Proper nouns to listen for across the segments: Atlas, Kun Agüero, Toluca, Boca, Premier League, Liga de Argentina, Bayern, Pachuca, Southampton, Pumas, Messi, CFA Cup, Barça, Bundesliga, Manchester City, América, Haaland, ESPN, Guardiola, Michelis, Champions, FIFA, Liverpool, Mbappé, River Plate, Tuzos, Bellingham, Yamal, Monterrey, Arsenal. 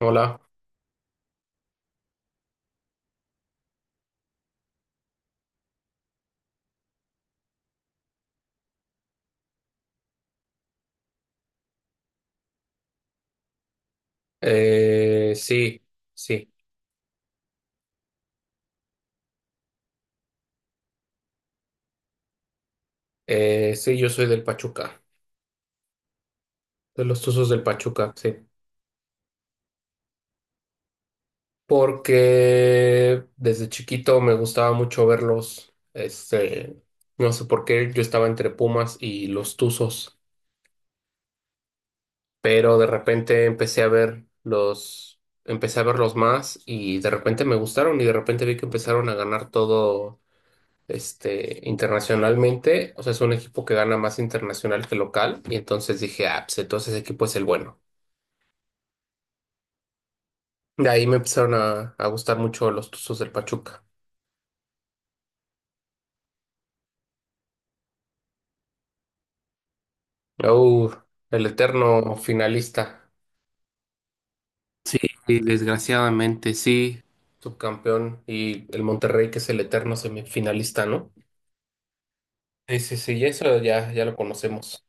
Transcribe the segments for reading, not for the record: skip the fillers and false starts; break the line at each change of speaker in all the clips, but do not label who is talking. Hola. Sí, sí, sí, yo soy del Pachuca, de los Tuzos del Pachuca, sí, porque desde chiquito me gustaba mucho verlos, no sé por qué, yo estaba entre Pumas y los Tuzos, pero de repente empecé a verlos más y de repente me gustaron y de repente vi que empezaron a ganar todo internacionalmente. O sea, es un equipo que gana más internacional que local. Y entonces dije, ah, pues entonces ese equipo es el bueno. De ahí me empezaron a gustar mucho los Tuzos del Pachuca. Uh, el eterno finalista. Sí, y desgraciadamente sí. Subcampeón y el Monterrey, que es el eterno semifinalista, ¿no? Sí, sí, sí, y eso ya, ya lo conocemos.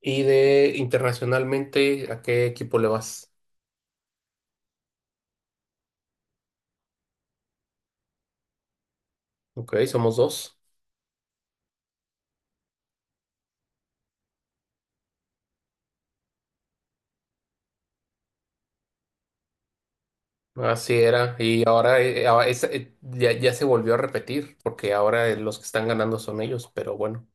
Y de internacionalmente, ¿a qué equipo le vas? Ok, somos dos. Así era, y ahora, ya, ya se volvió a repetir, porque ahora los que están ganando son ellos, pero bueno,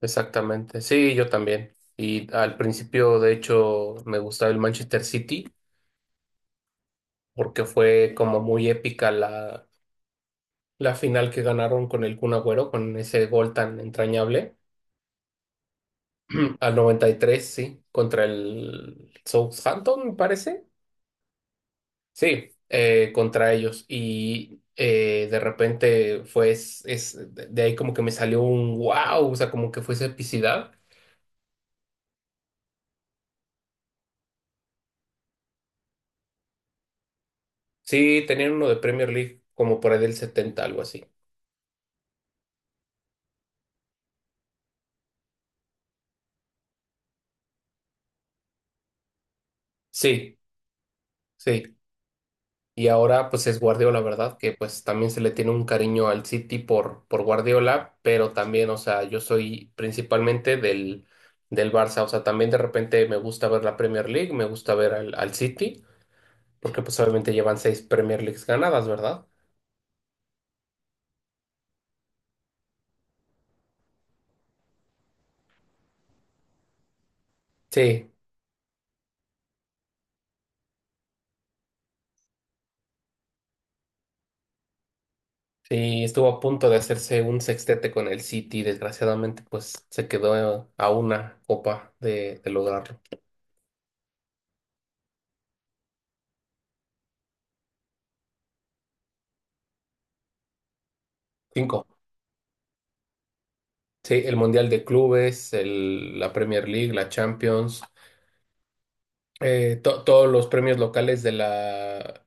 exactamente. Sí, yo también. Y al principio, de hecho, me gustaba el Manchester City, porque fue como muy épica la final que ganaron con el Kun Agüero, con ese gol tan entrañable, al 93 sí, contra el Southampton, me parece. Sí, contra ellos. Y de repente fue, es- De ahí como que me salió un wow, o sea, como que fuese epicidad. Sí, tenían uno de Premier League como por ahí del 70, algo así. Sí, sí. Y ahora pues es Guardiola, ¿verdad? Que pues también se le tiene un cariño al City por Guardiola, pero también, o sea, yo soy principalmente del Barça, o sea, también de repente me gusta ver la Premier League, me gusta ver al City, porque pues obviamente llevan seis Premier Leagues ganadas, ¿verdad? Sí, sí, estuvo a punto de hacerse un sextete con el City, desgraciadamente, pues se quedó a una copa de lograrlo. Cinco. Sí, el Mundial de Clubes, la Premier League, la Champions, todos los premios locales de la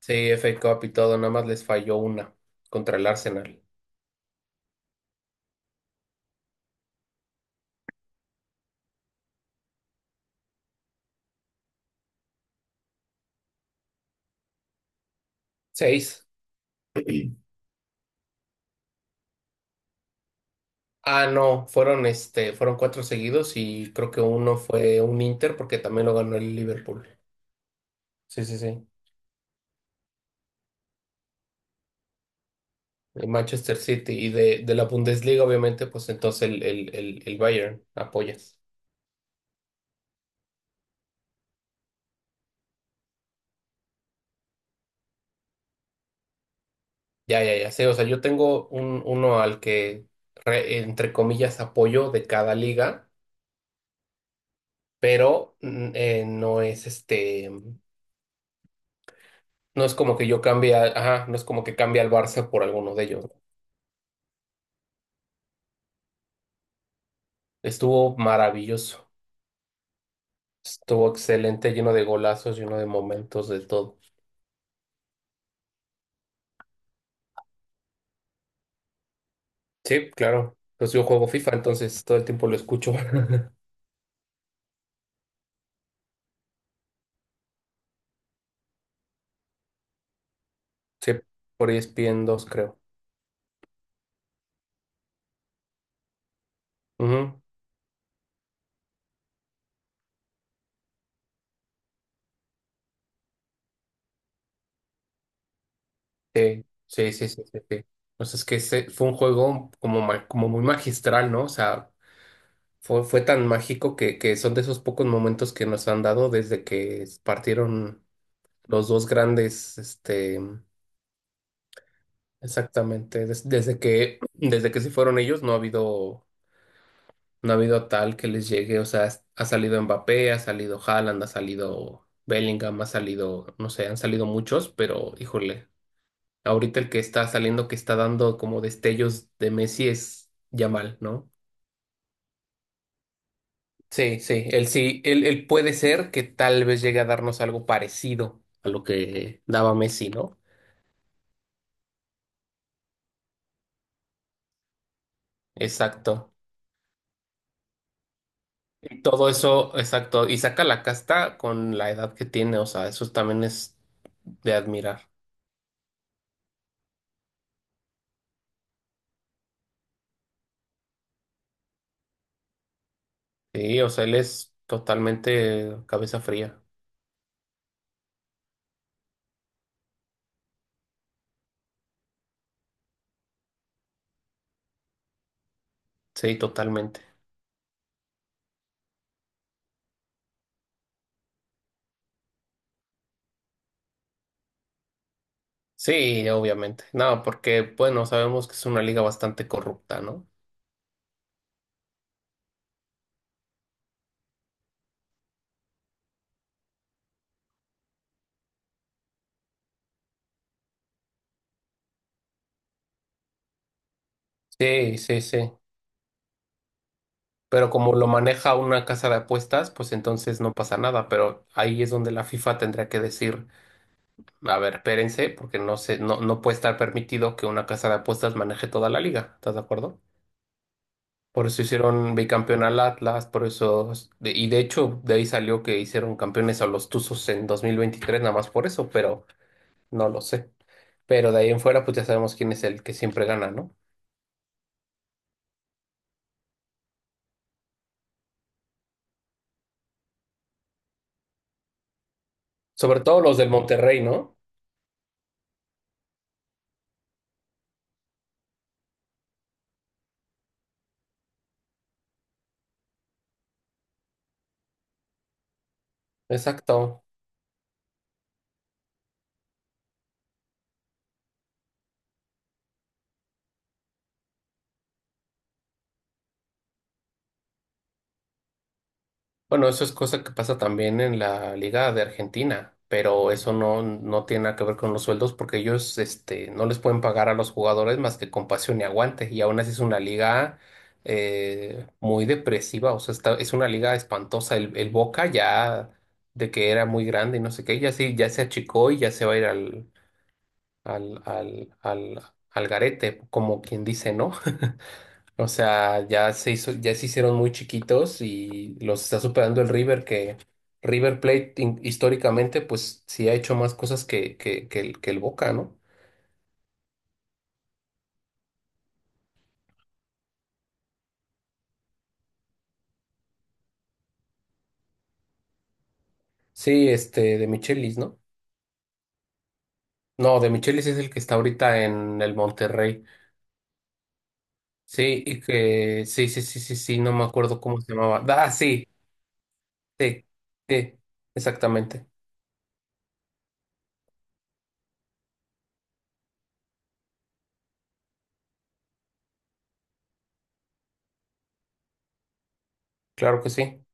sí, CFA Cup y todo, nada más les falló una contra el Arsenal. Seis. Ah, no, fueron cuatro seguidos y creo que uno fue un Inter porque también lo ganó el Liverpool. Sí, sí, sí. El Manchester City y de la Bundesliga, obviamente, pues entonces el Bayern apoyas. Ya, ya, ya sé. O sea, yo tengo uno al que, entre comillas, apoyo de cada liga, pero no es este, no es como que yo cambie, ajá, no es como que cambie al Barça por alguno de ellos. Estuvo maravilloso, estuvo excelente, lleno de golazos, lleno de momentos, de todo. Sí, claro. Pues yo juego FIFA, entonces todo el tiempo lo escucho. Sí, por ESPN 2, creo. Ujú. Sí, sí, sí, sí, sí, sí. O sea, es que ese fue un juego como, como muy magistral, ¿no? O sea, fue tan mágico que son de esos pocos momentos que nos han dado desde que partieron los dos grandes, este, exactamente, desde que, desde que se fueron ellos, no ha habido, no ha habido tal que les llegue, o sea, ha salido Mbappé, ha salido Haaland, ha salido Bellingham, ha salido, no sé, han salido muchos, pero híjole. Ahorita el que está saliendo, que está dando como destellos de Messi es Yamal, ¿no? Sí, sí, él sí, él puede ser que tal vez llegue a darnos algo parecido a lo que daba Messi, ¿no? Exacto. Y todo eso, exacto. Y saca la casta con la edad que tiene, o sea, eso también es de admirar. Sí, o sea, él es totalmente cabeza fría. Sí, totalmente. Sí, obviamente. No, porque, bueno, sabemos que es una liga bastante corrupta, ¿no? Sí, sí, sí. Pero como lo maneja una casa de apuestas, pues entonces no pasa nada. Pero ahí es donde la FIFA tendría que decir, a ver, espérense, porque no se, no, no puede estar permitido que una casa de apuestas maneje toda la liga. ¿Estás de acuerdo? Por eso hicieron bicampeón al Atlas, por eso, y de hecho, de ahí salió que hicieron campeones a los Tuzos en 2023, nada más por eso, pero no lo sé. Pero de ahí en fuera, pues ya sabemos quién es el que siempre gana, ¿no? Sobre todo los del Monterrey, ¿no? Exacto. Bueno, eso es cosa que pasa también en la Liga de Argentina, pero eso no, no tiene nada que ver con los sueldos porque ellos, este, no les pueden pagar a los jugadores más que con pasión y aguante. Y aún así es una liga muy depresiva, o sea, es una liga espantosa. El Boca ya de que era muy grande y no sé qué, ya sí, ya se achicó y ya se va a ir al, al, al, al garete, como quien dice, ¿no? O sea, ya se hizo, ya se hicieron muy chiquitos y los está superando el River, que River Plate históricamente, pues sí ha hecho más cosas que el Boca, ¿no? Sí, este, de Michelis, ¿no? No, de Michelis es el que está ahorita en el Monterrey. Sí, y que, sí, sí, sí, sí, sí, no me acuerdo cómo se llamaba. Ah, sí, sí, sí, exactamente. Claro que sí,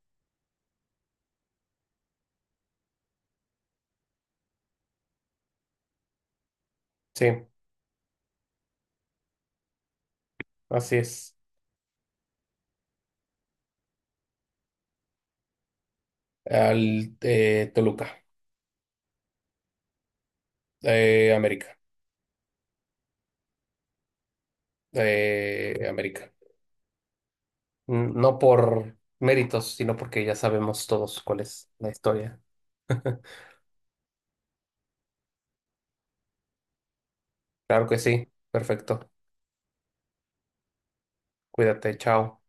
sí, así es. Al Toluca, América, América. No por méritos, sino porque ya sabemos todos cuál es la historia. Claro que sí. Perfecto. Cuídate. Chao.